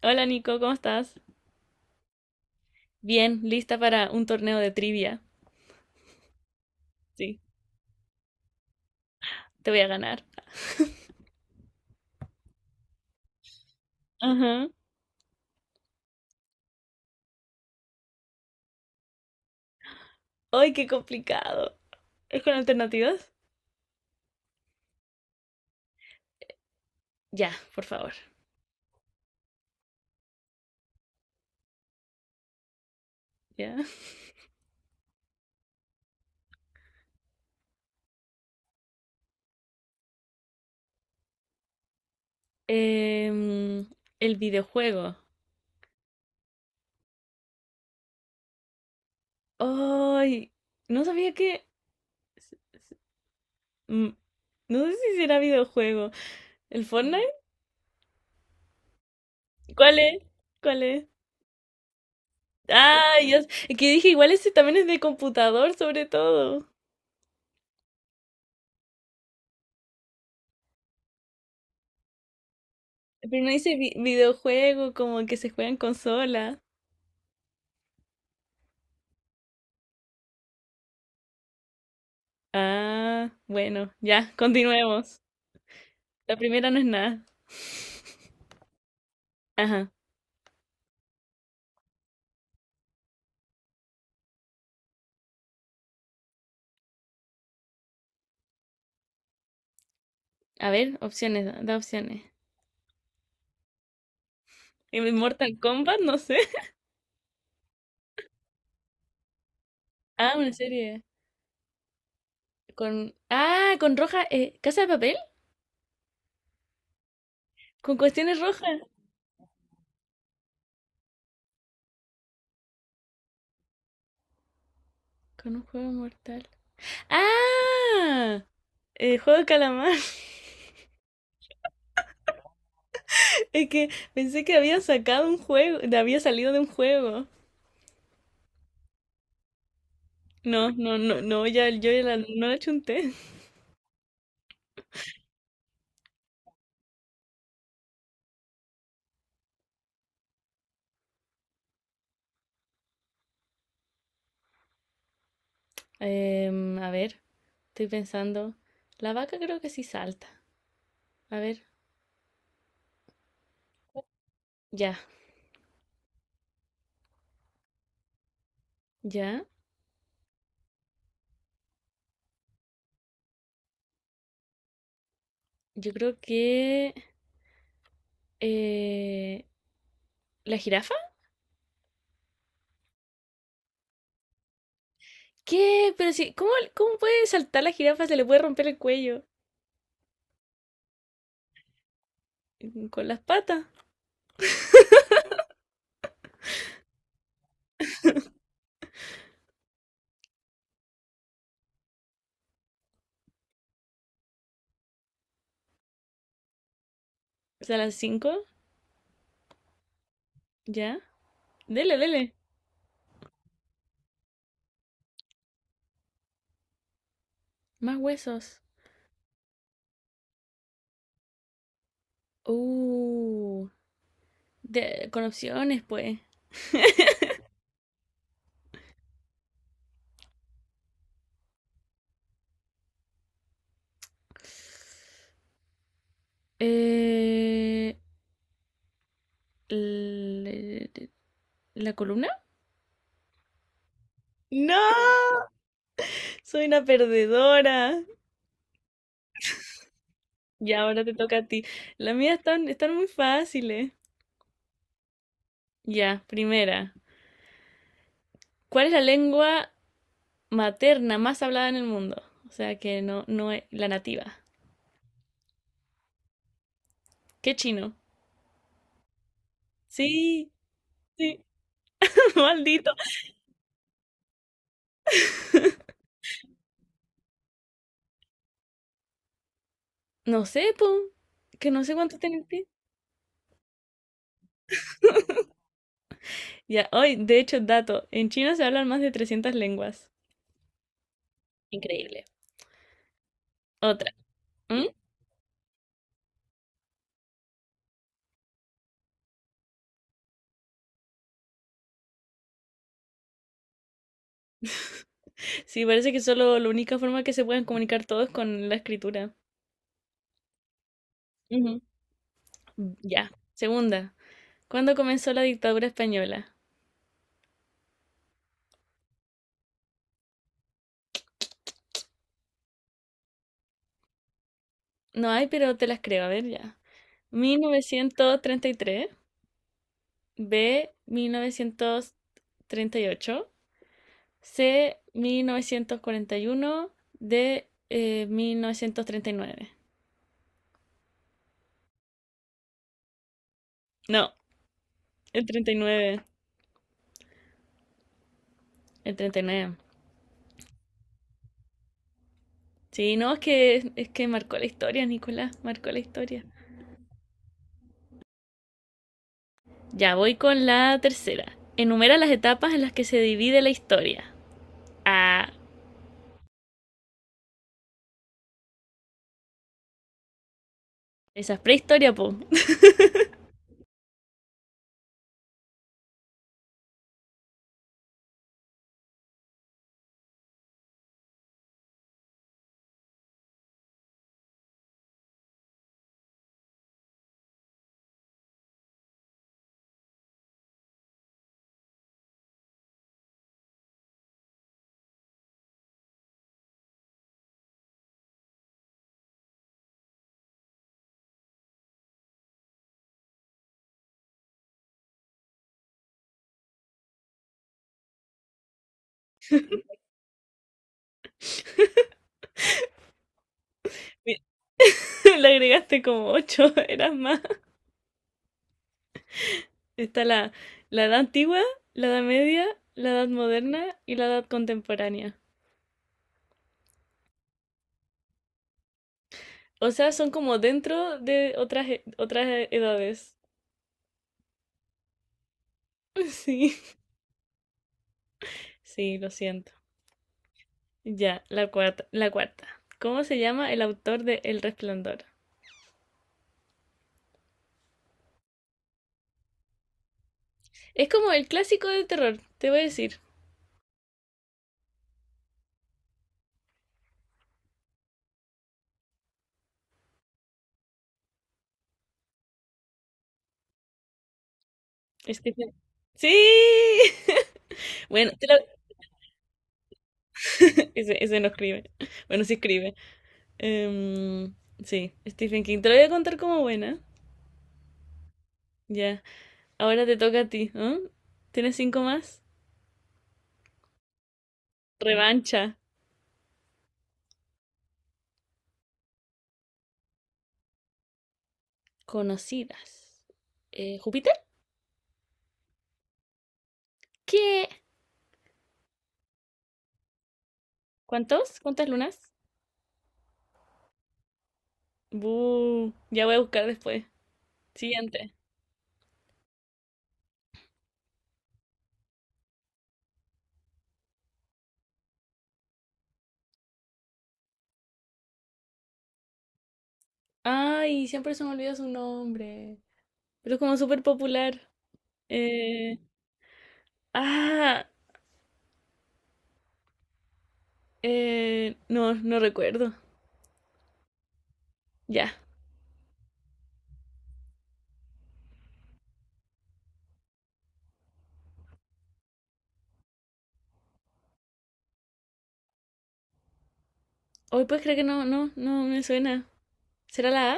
Hola Nico, ¿cómo estás? Bien, lista para un torneo de trivia. Sí, te voy a ganar. Ajá. ¡Ay, qué complicado! ¿Es con alternativas? Ya, por favor. Ya. Em, el videojuego. ¡Ay! No sabía que. mm, No sé si será videojuego. ¿El Fortnite? ¿Cuál es? ¿Cuál es? Ah, yo que dije, igual ese también es de computador, sobre todo. Pero no dice videojuego, como que se juega en consola. Ah, bueno, ya, continuemos. La primera no es nada. Ajá. A ver, opciones, da opciones. ¿En Mortal Kombat? No sé. Ah, una serie. Con. Ah, con roja. ¿Casa de papel? Con cuestiones rojas. Con un juego mortal. ¡Ah! El juego de calamar. Es que pensé que había sacado un juego, había salido de un juego. No, no, no, no, ya, no la chunté. A ver. Estoy pensando. La vaca creo que sí salta. A ver, ya, ya. Yo creo que. eh, ¿La jirafa? ¿Qué? Pero sí, ¿cómo puede saltar la jirafa? Se le puede romper el cuello. Con las patas. O sea, las cinco. Ya. Dele, dele. Más huesos. Uh. Con opciones, pues. Eh, l- ¿La columna? No, soy una perdedora. Ya ahora te toca a ti. Las mías están muy fáciles. Ya, primera. ¿Cuál es la lengua materna más hablada en el mundo? O sea, que no, no es la nativa. ¿Qué chino? Sí, sí. Maldito. No sé, po. Que no sé cuánto tienen. Ya, hoy, de hecho, dato. En China se hablan más de 300 lenguas. Increíble. Otra. ¿Mm? Sí, parece que solo la única forma que se pueden comunicar todos es con la escritura. Ujú. Ya. Segunda. ¿Cuándo comenzó la dictadura española? No hay, pero te las creo. A ver, ya. 1933, B, 1938, C, 1941, D, 1939. No, el 39, el 39. Sí, no, es que marcó la historia, Nicolás, marcó la historia. Ya voy con la tercera. Enumera las etapas en las que se divide la historia. Ah, esa es prehistoria, po. Le agregaste como ocho, eras más. Está la edad antigua, la edad media, la edad moderna y la edad contemporánea. O sea, son como dentro de otras, otras edades. Sí, sí, lo siento. Ya, la cuarta, la cuarta. ¿Cómo se llama el autor de El Resplandor? Es como el clásico del terror, te voy a decir. Es que. Sí. Bueno. Ese no escribe. Bueno, sí escribe. Em, sí, Stephen King. Te lo voy a contar como buena. Ya. Ahora te toca a ti, ¿eh? ¿Tienes cinco más? Revancha. Conocidas. ¿Júpiter? ¿Qué? ¿Cuántos? ¿Cuántas lunas? Bu, ya voy a buscar después. Siguiente. Ay, siempre se me olvida su nombre. Pero es como súper popular. Eh, ah, no, no recuerdo. Ya. Hoy puedes creer que no, no, no me suena. ¿Será la A?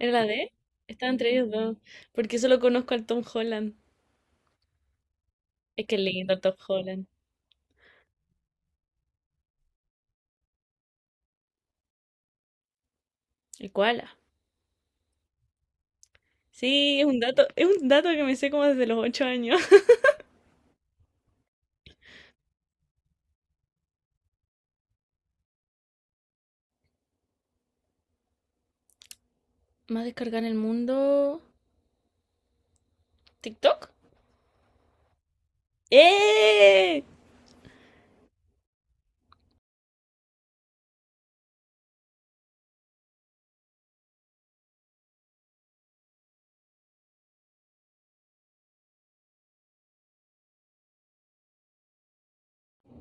¿Era la D? Estaba entre ellos dos. Porque solo conozco al Tom Holland. Es que es lindo el Tom Holland. El koala. Sí, es un dato que me sé como desde los 8 años. Más descargada en el mundo. ¿TikTok? ¡Eh!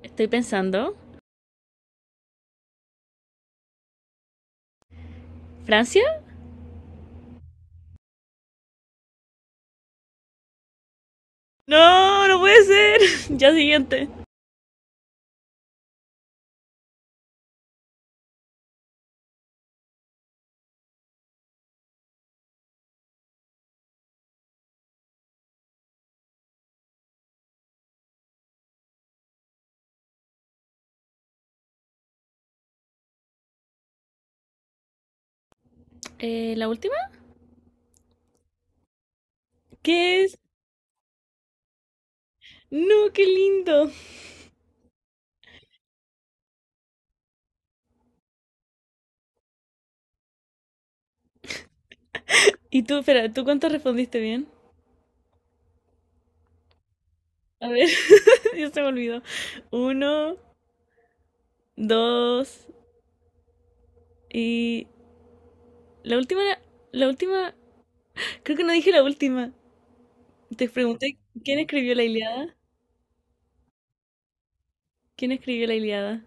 Estoy pensando. ¿Francia? No, no puede ser. Ya siguiente. ¿La última? ¿Qué es? No, qué lindo. Y tú, espera, ¿tú cuánto respondiste bien? A ver, ya se me olvidó. Uno, dos y la última, la última, creo que no dije la última. Te pregunté quién escribió la Ilíada. ¿Quién escribió la Ilíada?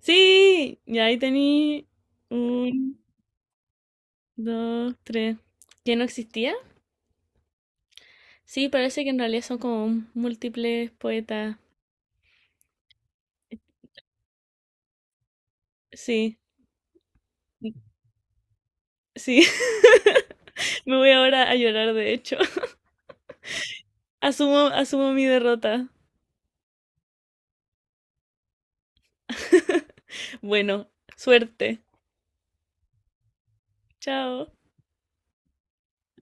Sí, y ahí tení un, dos, tres. ¿Quién no existía? Sí, parece que en realidad son como múltiples poetas. Sí, sí, me voy ahora a llorar de hecho. Asumo, asumo mi derrota. Bueno, suerte. Chao.